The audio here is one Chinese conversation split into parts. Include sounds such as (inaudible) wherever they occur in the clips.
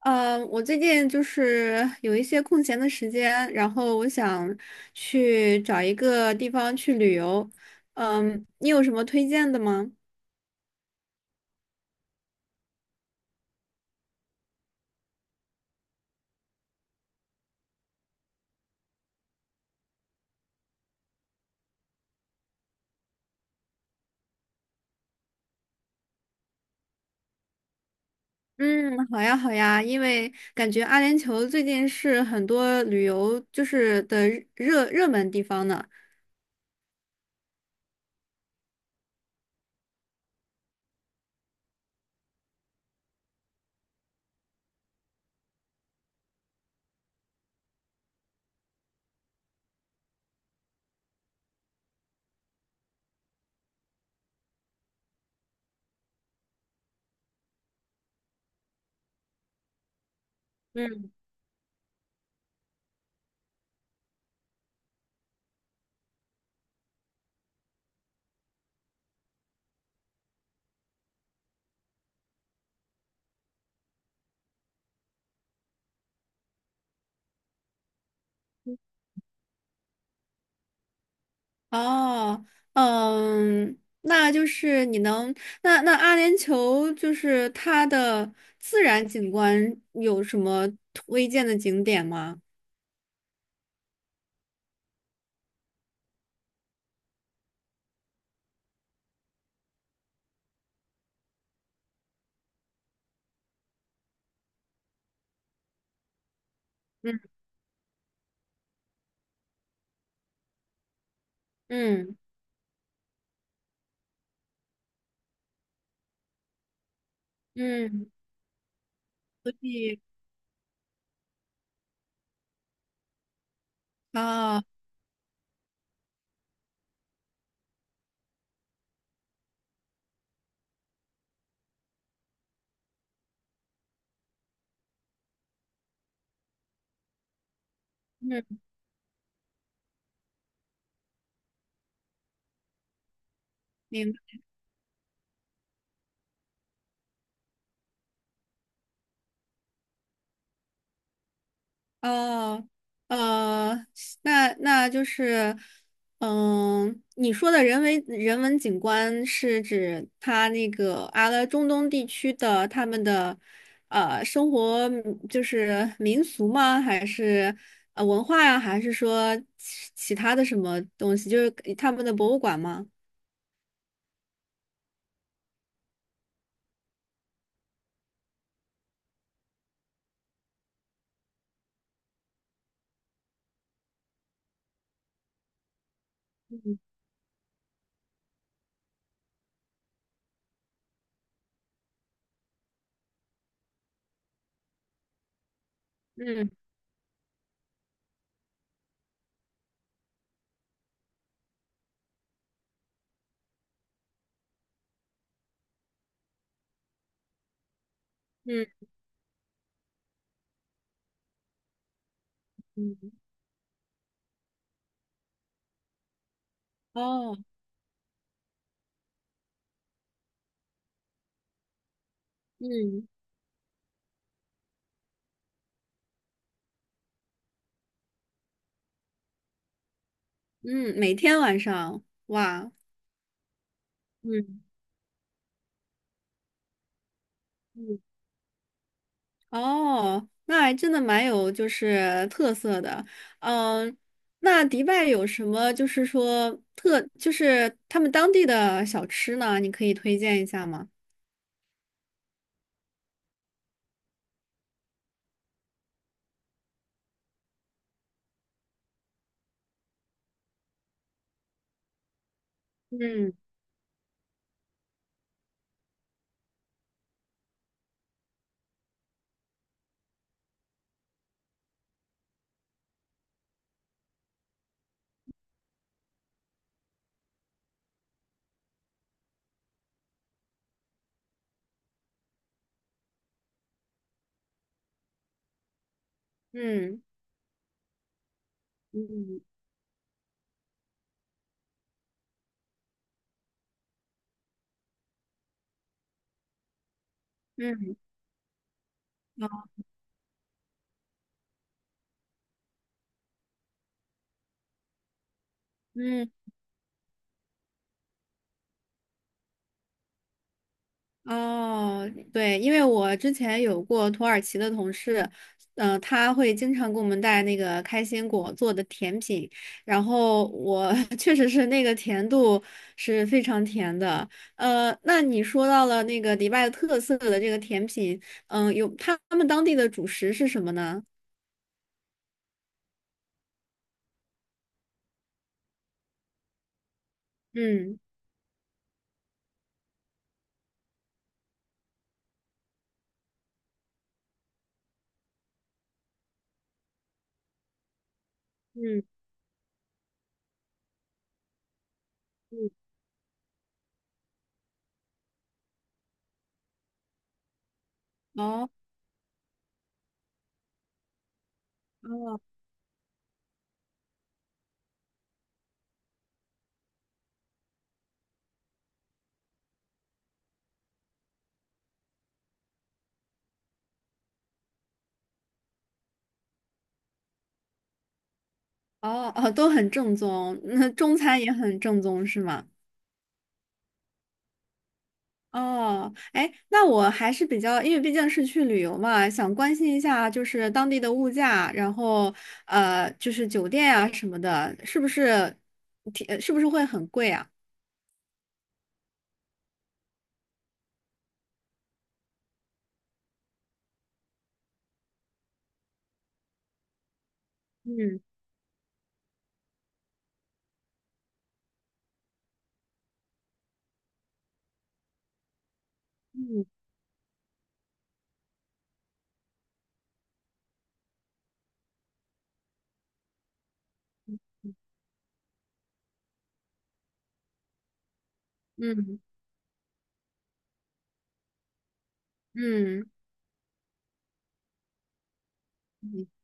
我最近有一些空闲的时间，然后我想去找一个地方去旅游。嗯，你有什么推荐的吗？嗯，好呀，好呀，因为感觉阿联酋最近是很多旅游就是的热门地方呢。嗯。哦。嗯，那阿联酋它的自然景观有什么推荐的景点吗？嗯嗯。所以啊。嗯。明白。哦。呃，那那就是，嗯，你说的人文景观是指它那个中东地区的他们的生活民俗吗？还是文化呀？还是说其他的什么东西？就是他们的博物馆吗？嗯。嗯。嗯。嗯。哦。嗯。嗯，每天晚上，哇。嗯嗯。哦，那还真的蛮有特色的。嗯，那迪拜有什么就是说特，就是他们当地的小吃呢？你可以推荐一下吗？嗯。嗯。嗯。嗯。好。嗯。哦，对，因为我之前有过土耳其的同事，嗯、他会经常给我们带那个开心果做的甜品，然后我 (laughs) 确实那个甜度是非常甜的。那你说到了那个迪拜特色的这个甜品，嗯、有他们当地的主食是什么呢？嗯。嗯。嗯。哦哦。哦哦，都很正宗，(laughs) 那中餐也很正宗是吗？哦，哎，那我还是比较，因为毕竟是去旅游嘛，想关心一下当地的物价，然后酒店啊什么的，是不是挺，是不是会很贵啊？嗯。嗯。嗯。嗯。嗯。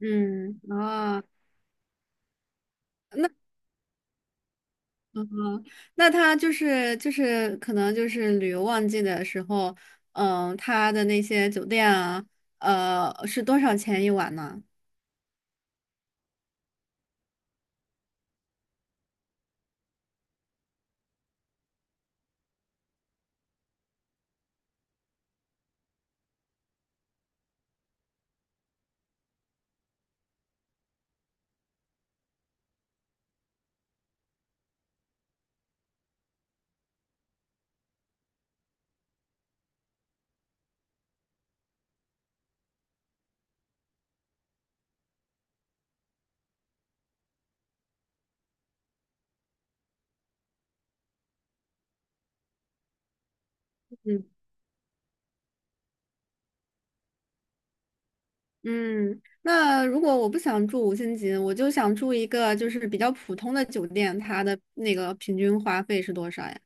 嗯。嗯啊。那嗯，那他可能旅游旺季的时候，嗯，他的那些酒店啊，是多少钱一晚呢？嗯。嗯，那如果我不想住五星级，我就想住一个比较普通的酒店，它的那个平均花费是多少呀？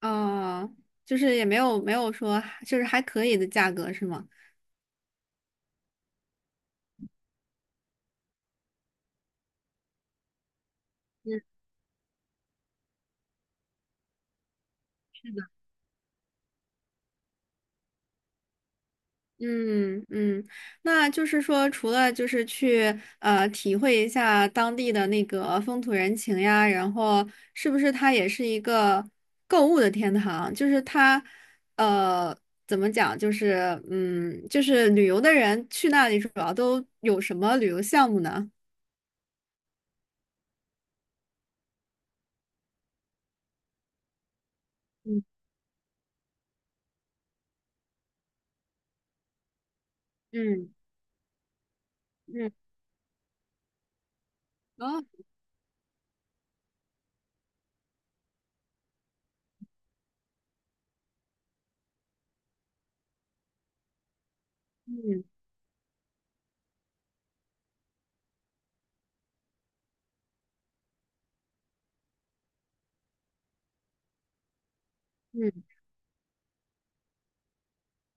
啊，也没有说还可以的价格是吗？嗯嗯。那就是说，除了去体会一下当地的那个风土人情呀，然后是不是它也是一个购物的天堂？就是它呃怎么讲？旅游的人去那里主要都有什么旅游项目呢？嗯。嗯。嗯。哦。嗯嗯。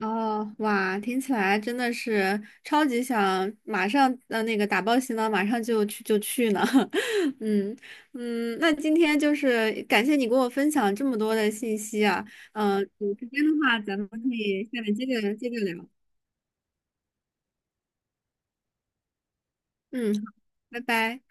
哦，哇，听起来真的是超级想马上那个打包行囊，马上就去呢。(laughs) 嗯。嗯，那今天感谢你给我分享这么多的信息啊。嗯、有时间的话，咱们可以下面接着聊。嗯，好，拜拜。